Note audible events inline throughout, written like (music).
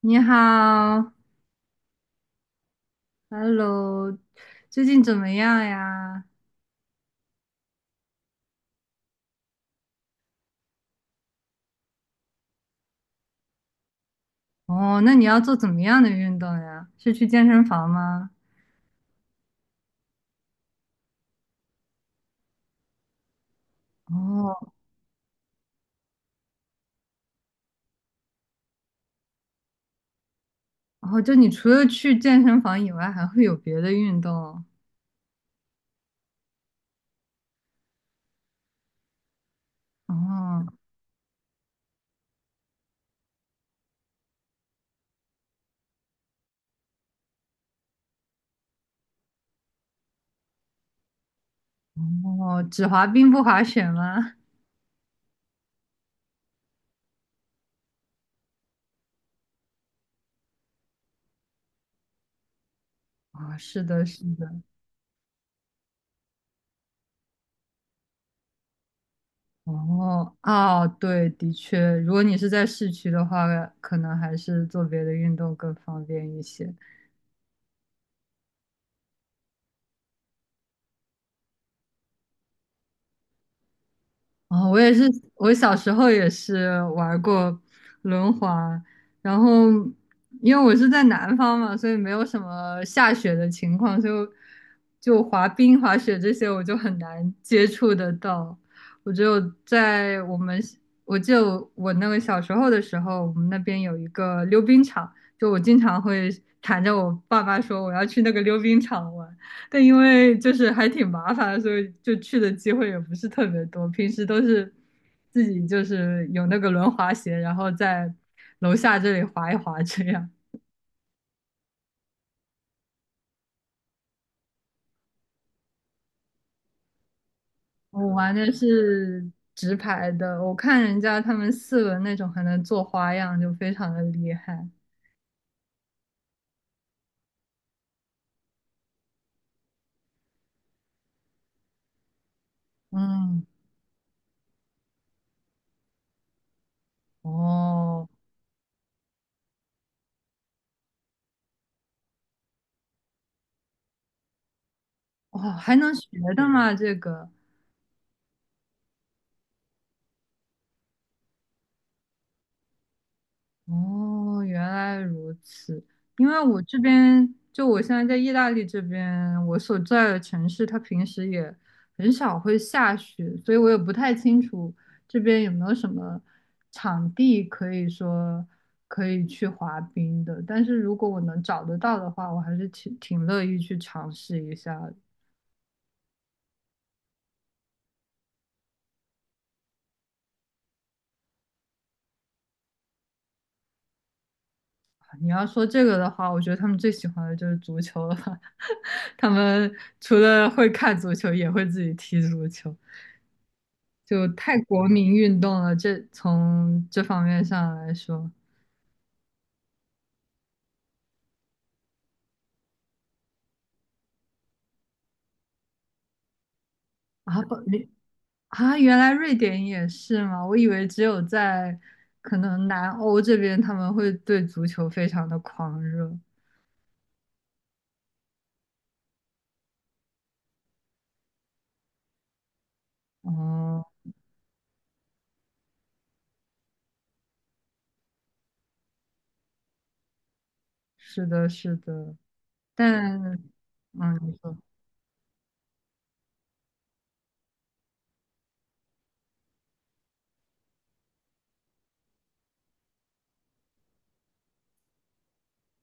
你好，Hello，最近怎么样呀？哦，那你要做怎么样的运动呀？是去健身房吗？哦，哦，就你除了去健身房以外，还会有别的运动？哦，哦，只滑冰不滑雪吗？啊、是的，是的。哦，哦，对，的确，如果你是在市区的话，可能还是做别的运动更方便一些。哦，我也是，我小时候也是玩过轮滑，然后因为我是在南方嘛，所以没有什么下雪的情况，就滑冰、滑雪这些我就很难接触得到。我就在我们，我记得我那个小时候的时候，我们那边有一个溜冰场，就我经常会缠着我爸爸说我要去那个溜冰场玩。但因为就是还挺麻烦的，所以就去的机会也不是特别多。平时都是自己就是有那个轮滑鞋，然后在楼下这里滑一滑这样。(laughs) 我玩的是直排的，我看人家他们四轮那种还能做花样，就非常的厉害。嗯，哦，哦，还能学的吗？这个？哦，原来如此。因为我这边，就我现在在意大利这边，我所在的城市，它平时也很少会下雪，所以我也不太清楚这边有没有什么场地可以说可以去滑冰的。但是如果我能找得到的话，我还是挺挺乐意去尝试一下的。你要说这个的话，我觉得他们最喜欢的就是足球了吧。 (laughs) 他们除了会看足球，也会自己踢足球。就太国民运动了。这从这方面上来说啊，不，你啊，原来瑞典也是吗？我以为只有在可能南欧这边他们会对足球非常的狂热。哦，是的，是的，但嗯，你说，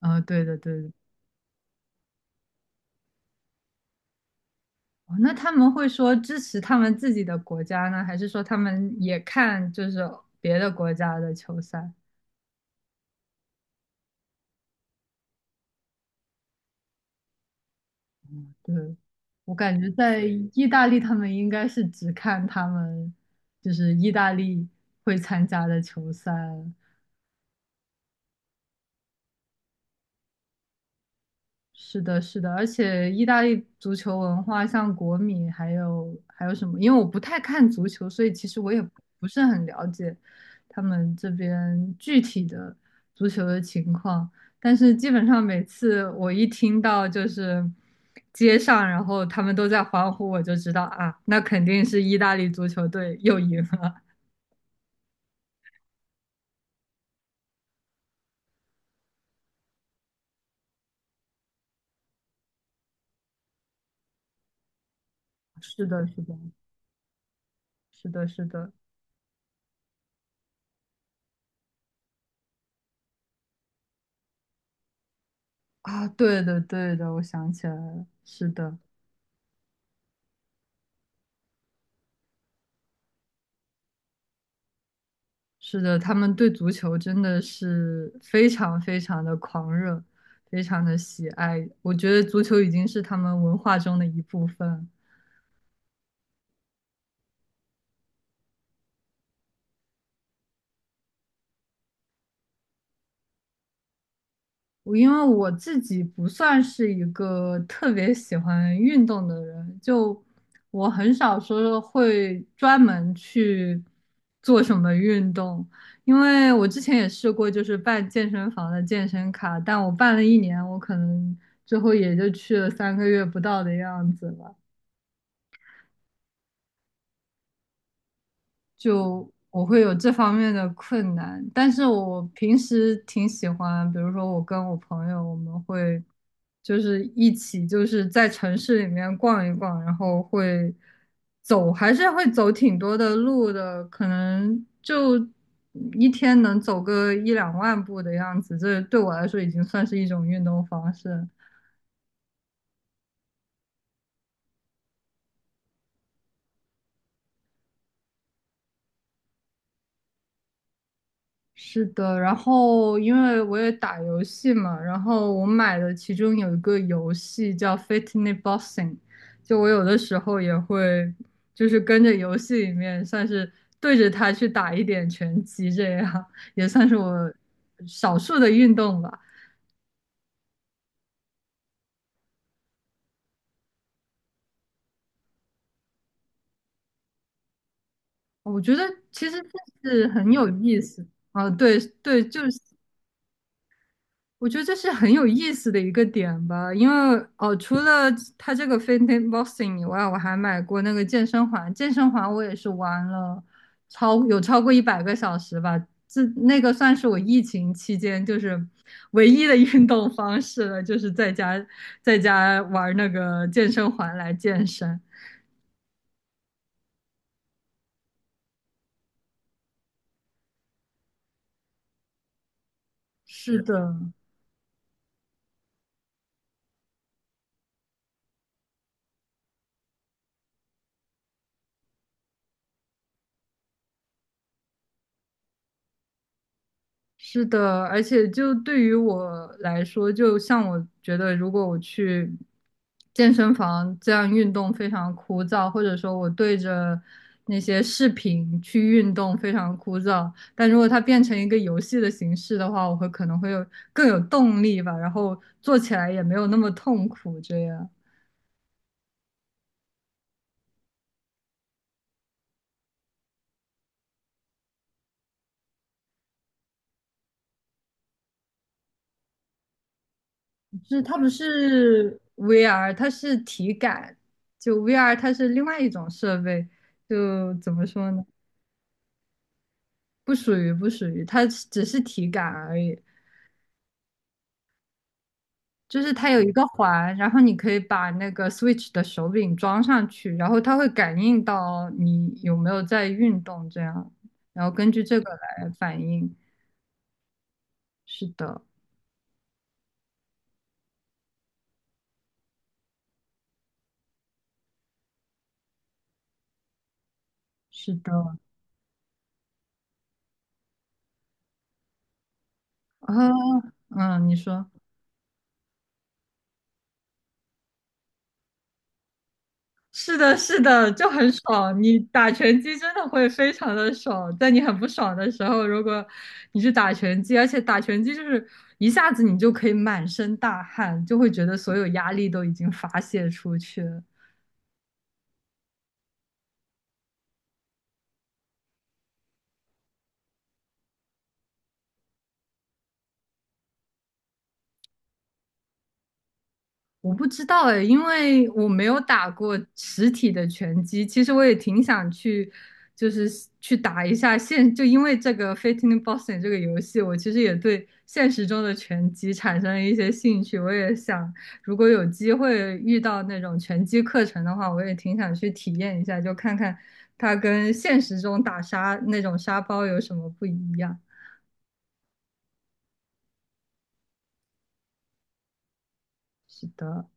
啊，对的，对的。哦，那他们会说支持他们自己的国家呢，还是说他们也看就是别的国家的球赛？对，我感觉在意大利，他们应该是只看他们就是意大利会参加的球赛，是的，是的，而且意大利足球文化，像国米还有什么？因为我不太看足球，所以其实我也不是很了解他们这边具体的足球的情况。但是基本上每次我一听到就是街上，然后他们都在欢呼，我就知道啊，那肯定是意大利足球队又赢了。(laughs) 是的，是的，是的，是的。啊，对的，对的，我想起来了，是的。是的，他们对足球真的是非常非常的狂热，非常的喜爱。我觉得足球已经是他们文化中的一部分。我因为我自己不算是一个特别喜欢运动的人，就我很少说会专门去做什么运动，因为我之前也试过，就是办健身房的健身卡，但我办了一年，我可能最后也就去了三个月不到的样子吧。就我会有这方面的困难。但是我平时挺喜欢，比如说我跟我朋友，我们会就是一起就是在城市里面逛一逛，然后会走，还是会走挺多的路的，可能就一天能走个一两万步的样子。这对我来说已经算是一种运动方式。是的，然后因为我也打游戏嘛，然后我买的其中有一个游戏叫《Fitness Boxing》，就我有的时候也会就是跟着游戏里面算是对着它去打一点拳击，这样也算是我少数的运动吧。我觉得其实这是很有意思啊，对对，就是我觉得这是很有意思的一个点吧，因为哦，除了它这个 Fitness Boxing 以外，我还买过那个健身环，健身环我也是玩了超过一百个小时吧，这那个算是我疫情期间就是唯一的运动方式了，就是在家玩那个健身环来健身。是的，是的，而且就对于我来说，就像我觉得，如果我去健身房这样运动非常枯燥，或者说我对着那些视频去运动非常枯燥，但如果它变成一个游戏的形式的话，我会可能会有更有动力吧，然后做起来也没有那么痛苦。这样，就是它不是 VR，它是体感，就 VR 它是另外一种设备，就怎么说呢？不属于不属于，它只是体感而已。就是它有一个环，然后你可以把那个 Switch 的手柄装上去，然后它会感应到你有没有在运动这样，然后根据这个来反应。是的，是的，啊，嗯，你说。是的，是的，就很爽。你打拳击真的会非常的爽，在你很不爽的时候，如果你去打拳击，而且打拳击就是一下子你就可以满身大汗，就会觉得所有压力都已经发泄出去了。我不知道哎，因为我没有打过实体的拳击。其实我也挺想去，就是去打一下现。就因为这个《Fitting Boxing s》这个游戏，我其实也对现实中的拳击产生了一些兴趣。我也想，如果有机会遇到那种拳击课程的话，我也挺想去体验一下，就看看它跟现实中打沙那种沙包有什么不一样。是的，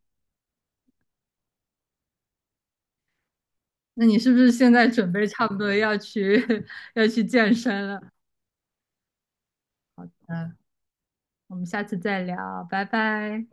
那你是不是现在准备差不多要去 (laughs) 要去健身了？嗯。我们下次再聊，拜拜。